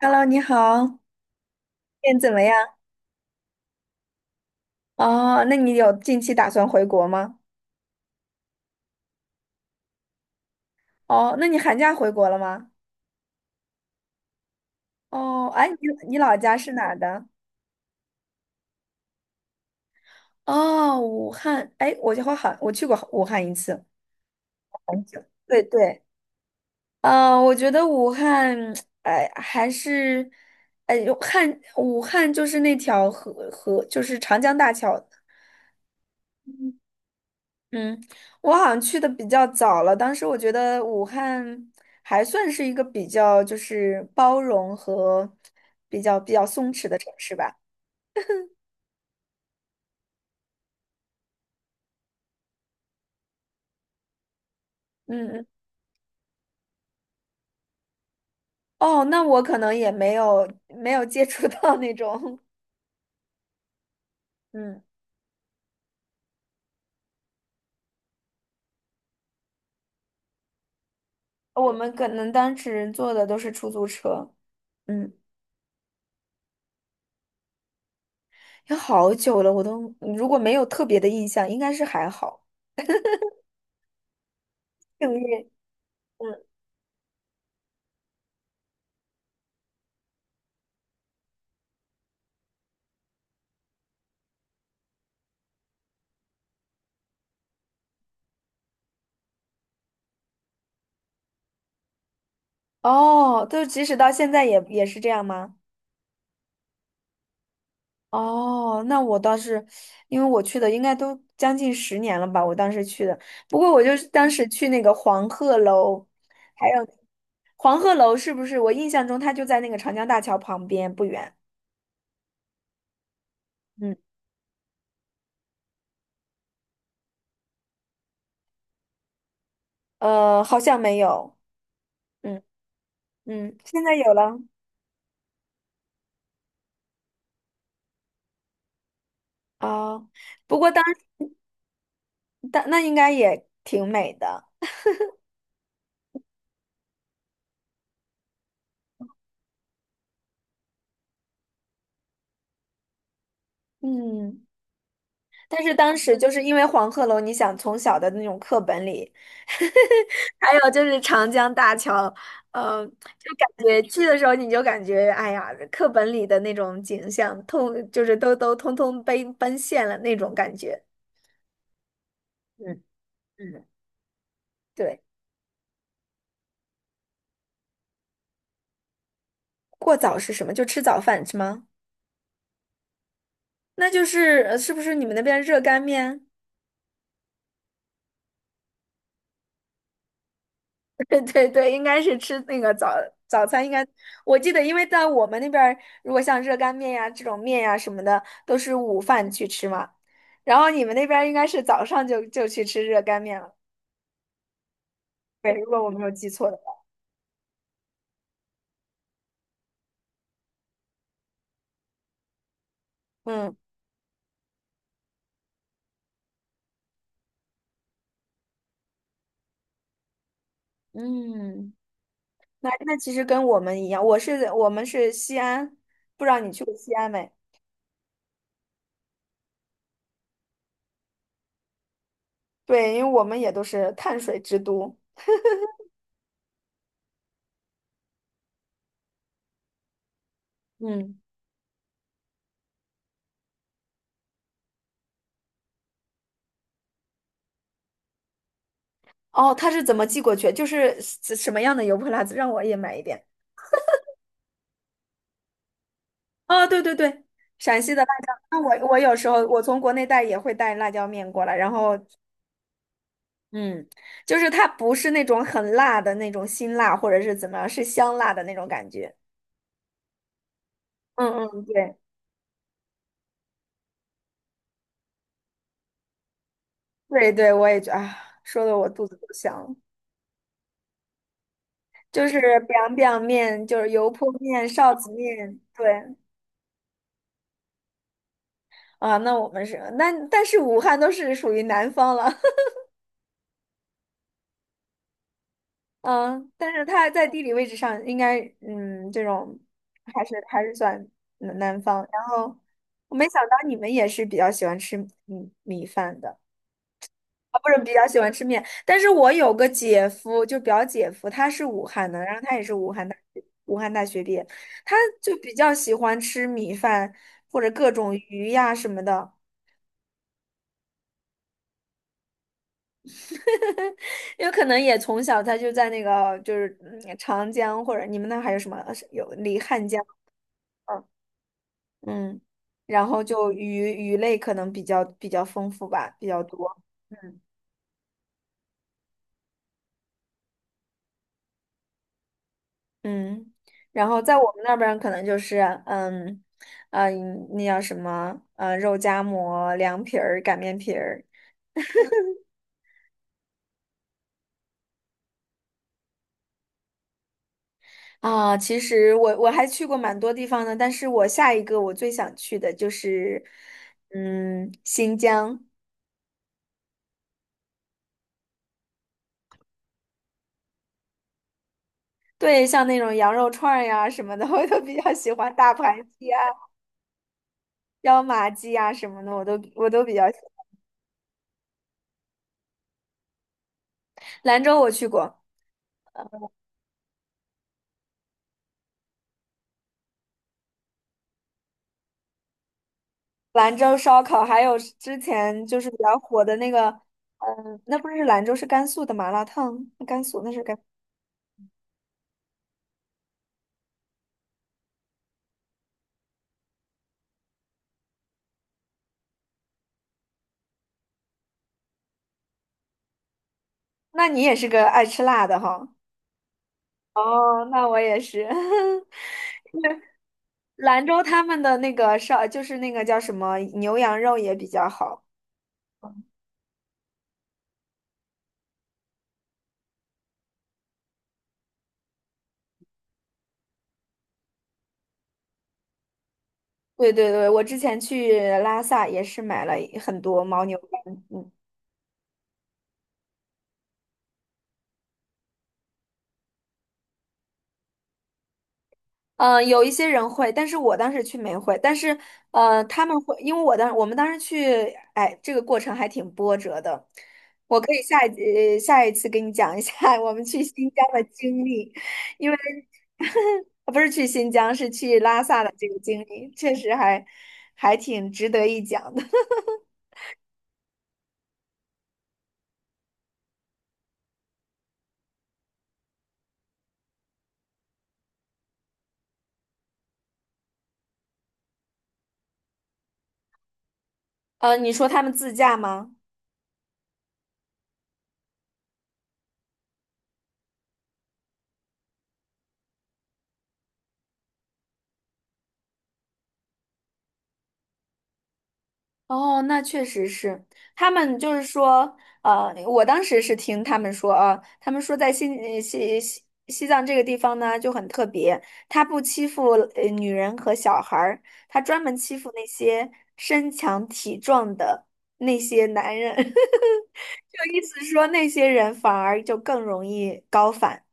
Hello，你好，怎么样？哦，那你有近期打算回国吗？哦，那你寒假回国了吗？哦，哎，你老家是哪儿的？哦，武汉。哎，我就好像我去过武汉一次，很久。对对，我觉得武汉，哎，还是，哎，武汉就是那条河就是长江大桥。嗯，我好像去的比较早了，当时我觉得武汉还算是一个比较就是包容和比较松弛的城市吧。嗯嗯。哦，那我可能也没有接触到那种。嗯，我们可能当时坐的都是出租车。嗯，有好久了，我都如果没有特别的印象，应该是还好。幸运。嗯。哦，就即使到现在也是这样吗？哦，那我倒是，因为我去的应该都将近十年了吧，我当时去的。不过我就是当时去那个黄鹤楼，还有黄鹤楼是不是？我印象中它就在那个长江大桥旁边不远。嗯。好像没有。嗯嗯，现在有了。哦，不过当那应该也挺美的。嗯。但是当时就是因为黄鹤楼，你想从小的那种课本里，还有就是长江大桥，呃，就感觉去的时候你就感觉，哎呀，课本里的那种景象，就是都通通被奔现了那种感觉。嗯嗯，对。过早是什么？就吃早饭是吗？那就是是不是你们那边热干面？对对对，应该是吃那个早餐，应该我记得，因为在我们那边儿，如果像热干面呀这种面呀什么的，都是午饭去吃嘛。然后你们那边儿应该是早上就去吃热干面了，对，如果我没有记错的话。嗯嗯，那那其实跟我们一样，我们是西安，不知道你去过西安没？对，因为我们也都是碳水之都。嗯。哦，他是怎么寄过去？就是什么样的油泼辣子，让我也买一点。哦，对对对，陕西的辣椒，那我有时候我从国内带也会带辣椒面过来，然后嗯，就是它不是那种很辣的那种辛辣，或者是怎么样，是香辣的那种感觉。嗯嗯，对对对，我也觉啊，说的我肚子都香了。就是 biang biang 面，就是油泼面、臊子面，对啊，那我们是那，但是武汉都是属于南方了。嗯，但是他在地理位置上应该，嗯，这种还是算南方。然后我没想到你们也是比较喜欢吃米饭的啊，不是比较喜欢吃面。但是我有个姐夫，就表姐夫，他是武汉的，然后他也是武汉大学毕业，他就比较喜欢吃米饭或者各种鱼呀什么的。有可能也从小他就在那个就是长江或者你们那还有什么有离汉江。嗯，然后就鱼类可能比较丰富吧，比较多。嗯嗯，然后在我们那边儿可能就是嗯嗯，那叫什么肉夹馍、凉皮儿、擀面皮儿啊。其实我还去过蛮多地方的，但是我下一个我最想去的就是嗯新疆。对，像那种羊肉串儿呀什么的，我都比较喜欢大盘鸡啊、椒麻鸡啊什么的，我都比较喜欢。兰州我去过。兰州烧烤，还有之前就是比较火的那个，嗯，那不是兰州，是甘肃的麻辣烫，甘肃那是甘，那你也是个爱吃辣的哈。哦，那我也是。兰州他们的那个就是那个叫什么牛羊肉也比较好。对对对，我之前去拉萨也是买了很多牦牛肝。嗯。有一些人会，但是我当时去没会，但是呃，他们会，因为我们当时去，哎，这个过程还挺波折的。我可以下一下一次给你讲一下 我们去新疆的经历，因为 不是去新疆，是去拉萨的这个经历，确实还挺值得一讲的。你说他们自驾吗？哦，那确实是，他们就是说，呃，我当时是听他们说啊，他们说在西藏这个地方呢就很特别，他不欺负女人和小孩儿，他专门欺负那些身强体壮的那些男人，就意思说那些人反而就更容易高反。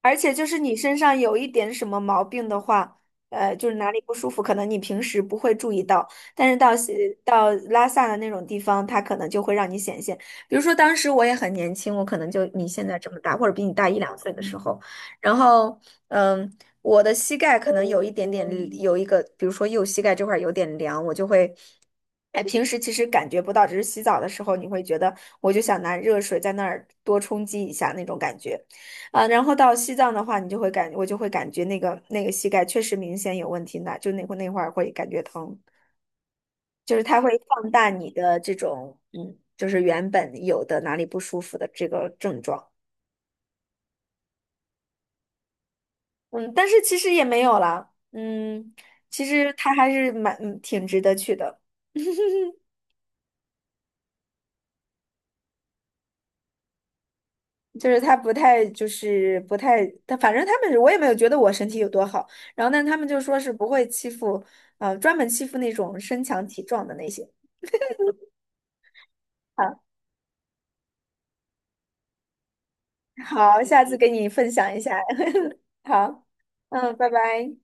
而且就是你身上有一点什么毛病的话，呃，就是哪里不舒服，可能你平时不会注意到，但是到到拉萨的那种地方，它可能就会让你显现。比如说当时我也很年轻，我可能就你现在这么大，或者比你大一两岁的时候，然后嗯，我的膝盖可能有一点点有一个，比如说右膝盖这块儿有点凉，我就会。哎，平时其实感觉不到，只是洗澡的时候你会觉得，我就想拿热水在那儿多冲击一下那种感觉。啊，然后到西藏的话，你就会感，我就会感觉那个膝盖确实明显有问题呢，就那会儿会感觉疼，就是它会放大你的这种，嗯，就是原本有的哪里不舒服的这个症状，嗯，但是其实也没有了，嗯，其实它还是蛮，嗯挺值得去的，就是它不太就是不太，它反正他们我也没有觉得我身体有多好，然后但他们就说是不会欺负，专门欺负那种身强体壮的那些。啊。好，下次给你分享一下。好，嗯，拜拜。